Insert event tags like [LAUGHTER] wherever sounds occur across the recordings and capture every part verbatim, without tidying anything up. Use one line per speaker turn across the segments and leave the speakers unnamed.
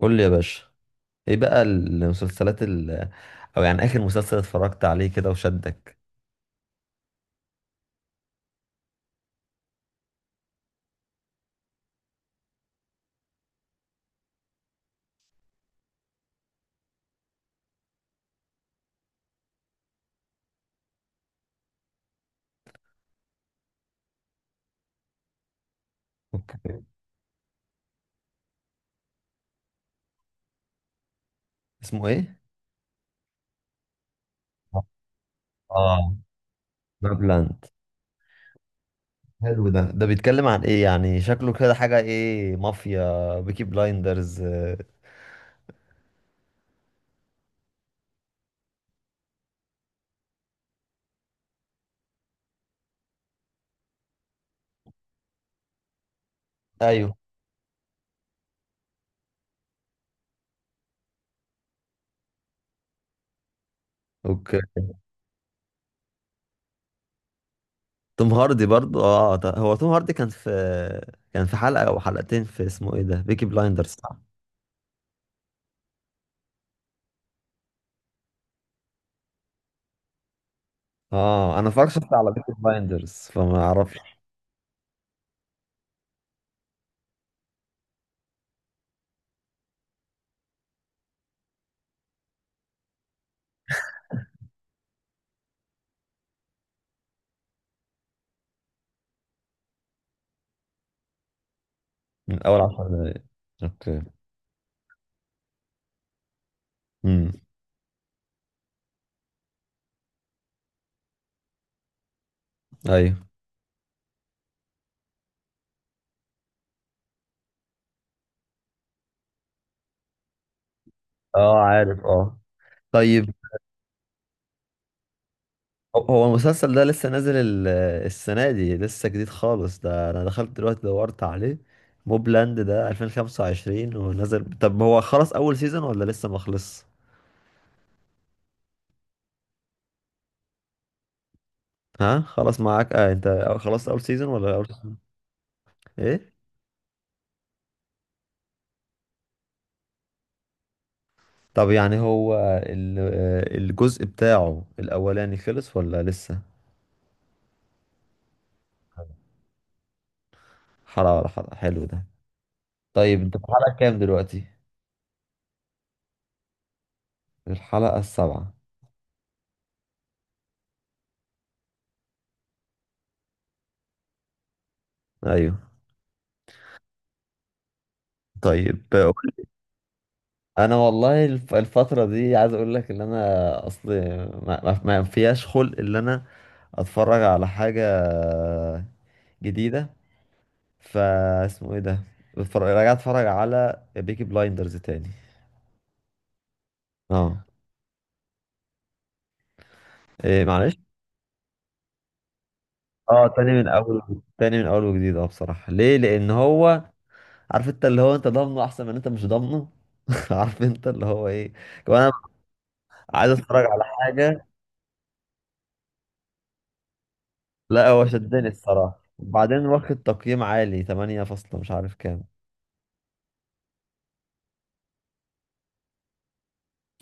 قول لي يا باشا، ايه بقى المسلسلات ال... او يعني اخر مسلسل اتفرجت عليه كده وشدك؟ اوكي. اسمه ايه؟ اه، بابلاند. حلو. ده ده بيتكلم عن ايه يعني؟ شكله كده حاجة ايه، مافيا بيكي بلايندرز؟ آه. ايوه. اوكي. توم هاردي برضو، اه، ده- هو توم هاردي كان في كان في حلقة او حلقتين في اسمه ايه ده، بيكي بلايندرز، صح؟ اه، انا اتفرجت شفت على بيكي بلايندرز فما اعرفش. من اول عشر دقايق. اوكي. امم. ايوه. اه، عارف، اه. طيب. هو هو المسلسل ده لسه نازل ال- السنة دي، لسه جديد خالص ده. أنا دخلت دلوقتي دورت عليه، موبلاند ده ألفين وخمسة وعشرين ونزل. طب هو خلص أول سيزون ولا لسه ما خلص؟ ها، خلص معاك؟ آه أنت، خلصت أول سيزون ولا أول سيزون؟ إيه؟ طب يعني هو ال- آه، الجزء بتاعه الأولاني خلص ولا لسه؟ حلقة ولا حلقة، حلو ده. طيب، أنت في الحلقة كام دلوقتي؟ الحلقة السابعة. أيوه. طيب. انا والله الف- الفتره دي، عايز اقول لك ان انا اصل ما ما- ما فيهاش خلق ان انا اتفرج على حاجه جديده. فاسمه ايه ده؟ بتفرج- راجع اتفرج على بيكي بلايندرز تاني. اه. إيه معلش؟ اه، تاني من اول. تاني من اول وجديد، اه، بصراحه ليه؟ لان هو، عارف انت اللي هو، انت ضامنه احسن من انت مش ضامنه. [LAUGHS] عارف انت اللي هو ايه، كمان أنا عايز اتفرج على حاجه. لا، هو شدني الصراحة، وبعدين واخد تقييم عالي، ثمانية فاصلة مش عارف كام.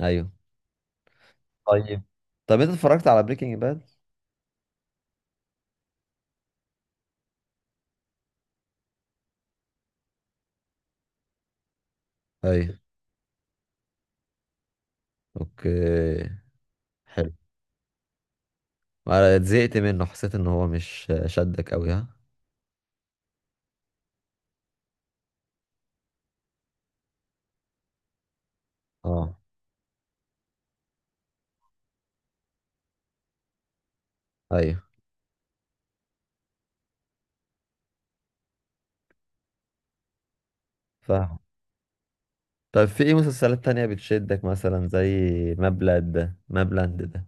ايوه. طيب. طب انت اتفرجت على بريكنج باد؟ ايوه. اوكي. حلو. ما زهقت منه؟ حسيت ان هو مش شدك قوي؟ ها. اه. ايوه، فاهم. طب في ايه مسلسلات تانية بتشدك مثلا، زي مابلاند ده؟ مابلاند ده.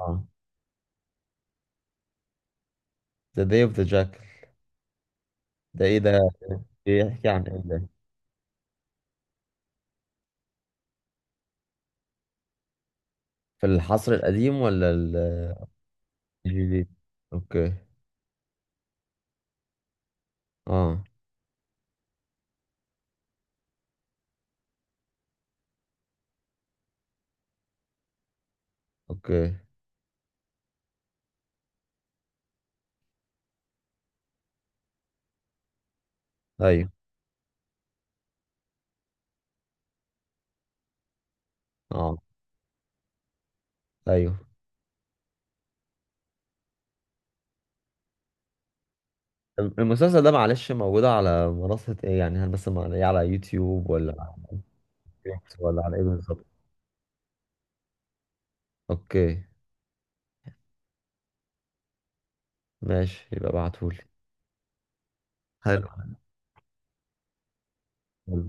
اه. ذا داي اوف ذا جاكل. ده ايه ده؟ بيحكي عن ايه ده؟ في العصر القديم ولا ال- الجديد؟ اوكي. اه. اوكي. ايوه. اه. ايوه. المسلسل ده معلش، موجود على منصة ايه يعني؟ هل بس مع- إيه على يوتيوب، ولا على نتفليكس، ولا على ايه بالظبط؟ اوكي. ماشي، يبقى ابعتهولي. حلو. حلو.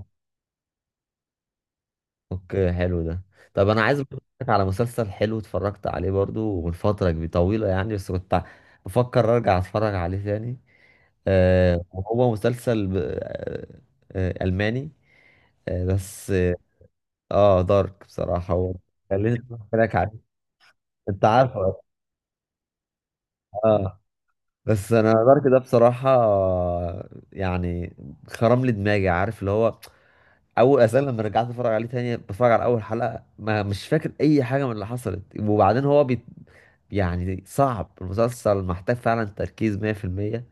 اوكي، حلو ده. طب انا عايز أقول لك على مسلسل حلو اتفرجت عليه برضو من فترة كبيرة طويلة يعني، بس كنت بفكر ارجع اتفرج عليه تاني. آه، وهو مسلسل ب... آه آه الماني. آه بس اه دارك، بصراحة هو، خليني احكي لك عليه. انت عارفه. اه، بس انا دارك ده بصراحه، يعني، خرم لي دماغي. عارف اللي هو، اول اساسا لما رجعت اتفرج عليه تاني، بتفرج على اول حلقه ما مش فاكر اي حاجه من اللي حصلت، وبعدين هو بي يعني صعب. المسلسل محتاج فعلا تركيز مية في المية.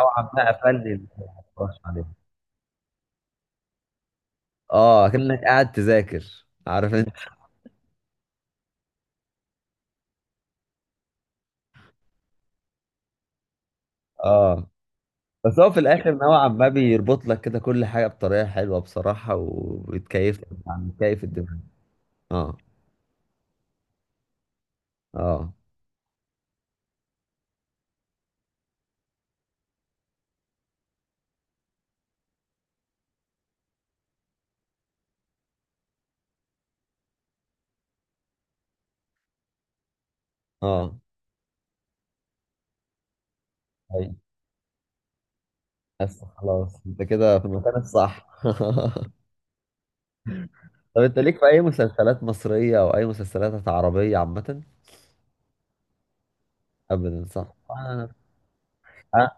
نوعا ما قفلني إني أتفرج عليه. اه، كأنك قاعد تذاكر، عارف انت. اه، بس هو في الاخر نوعا ما بيربط لك كده كل حاجه بطريقه حلوه بصراحه، وبتكيف يعني بتكيف الدماغ. اه. اه. اه. أيوه. بس خلاص، انت كده في المكان الصح. [LAUGHS] طب انت ليك في اي مسلسلات مصرية او اي مسلسلات عربية عامة؟ ابدا، صح، انا. أه.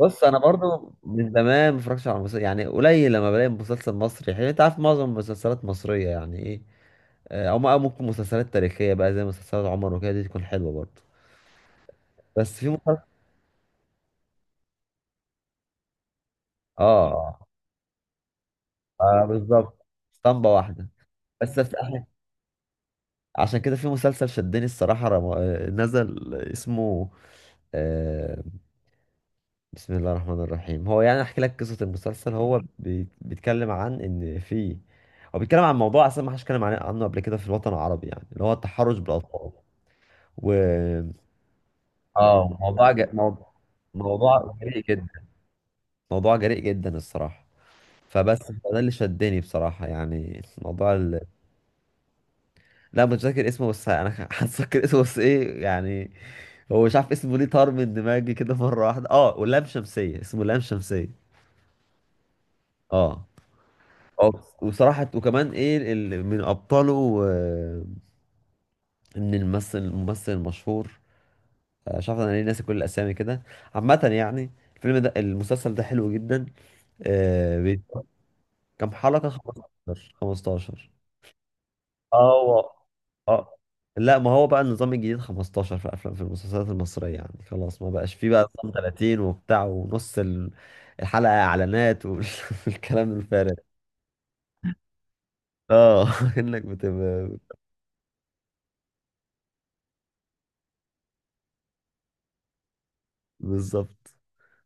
بص، انا برضو من زمان ما اتفرجتش على مسلسل، يعني قليل لما بلاقي مسلسل مصري حلو. انت عارف معظم المسلسلات مصرية يعني ايه. آه، او ما- أو ممكن مسلسلات تاريخية بقى، زي مسلسلات عمر وكده، دي تكون حلوة برضو. بس في مسلسل، اه، آه بالظبط، اسطمبة واحدة. بس بس احنا عشان كده، في مسلسل شدني الصراحة، رم... آه، نزل اسمه، آه، بسم الله الرحمن الرحيم. هو يعني احكي لك قصة المسلسل. هو بي- بيتكلم عن ان في، هو بيتكلم عن موضوع اصلا ما حدش اتكلم عن- عنه قبل كده في الوطن العربي، يعني اللي هو التحرش بالاطفال. و اه، موضوع ج... موضوع، موضوع جريء جدا. موضوع جريء جدا الصراحة. فبس ده اللي شدني بصراحة، يعني موضوع. لا، مش فاكر اسمه بس انا [LAUGHS] هتذكر اسمه. بس ايه يعني، هو مش عارف اسمه ليه طار من دماغي كده مره واحده. اه، ولام شمسيه، اسمه لام شمسيه. اه. اه. وصراحه، وكمان ايه ال- من ابطاله، آه، من الممثل الممثل المشهور. آه، مش عارف انا ليه ناسي كل الاسامي كده. عامه يعني الفيلم ده، المسلسل ده حلو جدا. آه، بي- كام حلقه؟ خمستاشر. خمسة عشر. اه هو- اه، لا ما هو بقى النظام الجديد خمستاشر، في افلام في المسلسلات المصريه، يعني خلاص ما بقاش فيه بقى نظام ثلاثين وبتاع، ونص ال- الحلقه اعلانات والكلام [LAUGHS] الفارغ. اه، [LAUGHS] انك بتبقى، بالظبط.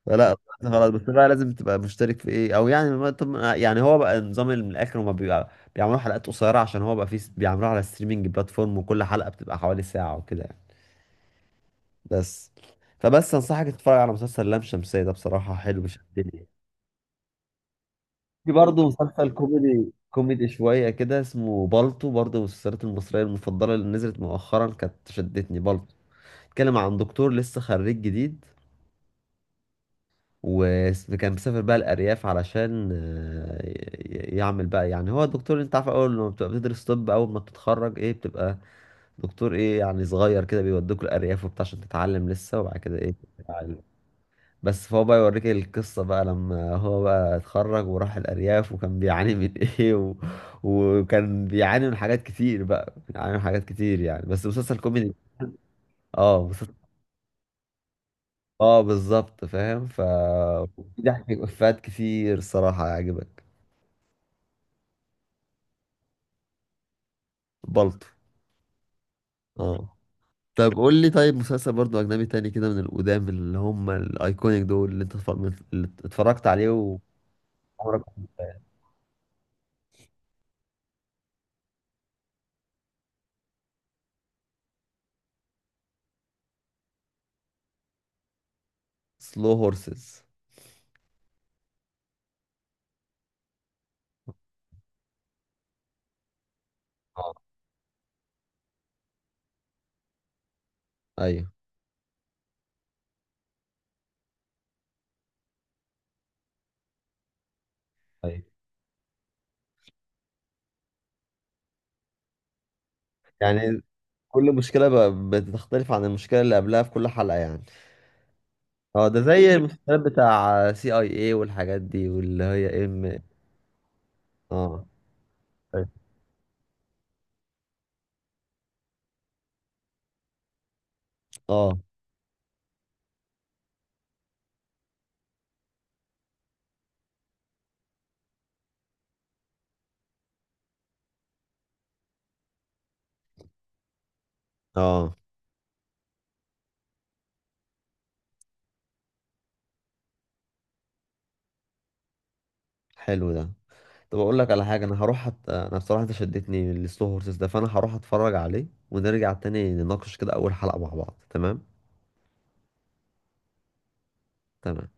فلا، خلاص بس بقى لازم تبقى مشترك في ايه، او يعني، ما طب يعني، هو بقى النظام اللي من الاخر هما بيبقى بيعملوا حلقات قصيره، عشان هو بقى فيه بيعملوها على ستريمنج بلاتفورم، وكل حلقه بتبقى حوالي ساعه وكده يعني. بس. فبس انصحك تتفرج على مسلسل لام شمسية ده، بصراحة حلو شدني. في برضه مسلسل كوميدي كوميدي شوية كده اسمه بالطو، برضه من المسلسلات المصرية المفضلة اللي نزلت مؤخرا، كانت شدتني بالطو. بيتكلم عن دكتور لسه خريج جديد، وكان مسافر بقى الأرياف علشان آه، ي- يعمل بقى. يعني هو دكتور، انت عارف أول ما بتبقى بتدرس طب، أول ما بتتخرج ايه، بتبقى دكتور ايه يعني، صغير كده بيودوك الأرياف وبتاع عشان تتعلم لسه. وبعد كده ايه، بس فهو بقى يوريك القصة بقى لما هو بقى اتخرج وراح الأرياف، وكان بيعاني من [LAUGHS] إيه و... وكان بيعاني من حاجات كتير. بقى بيعاني من حاجات كتير يعني، بس مسلسل كوميدي. اه مسلسل. اه بالظبط فاهم. ف في ضحك وإفيهات كتير صراحة، هيعجبك. بلطو. اه. طب قول لي، طيب مسلسل برضو أجنبي تاني كده من القدام، اللي هم الأيكونيك دول اللي أنت اتفرج- اللي اتفرجت عليه وعمرك. سلو هورسز. اه. ايوه. ايوه، يعني كل مشكلة ب- بتختلف عن المشكلة اللي قبلها في كل حلقة يعني. اه، ده زي المسلسلات بتاع سي اي اي والحاجات دي، واللي هي ام. اه. اه. اه. حلو ده. طب اقول لك على حاجة، انا هروح أت... انا بصراحة انت شدتني لسلو هورسز ده، فانا هروح اتفرج عليه ونرجع تاني نناقش كده اول حلقة مع بعض، تمام؟ تمام.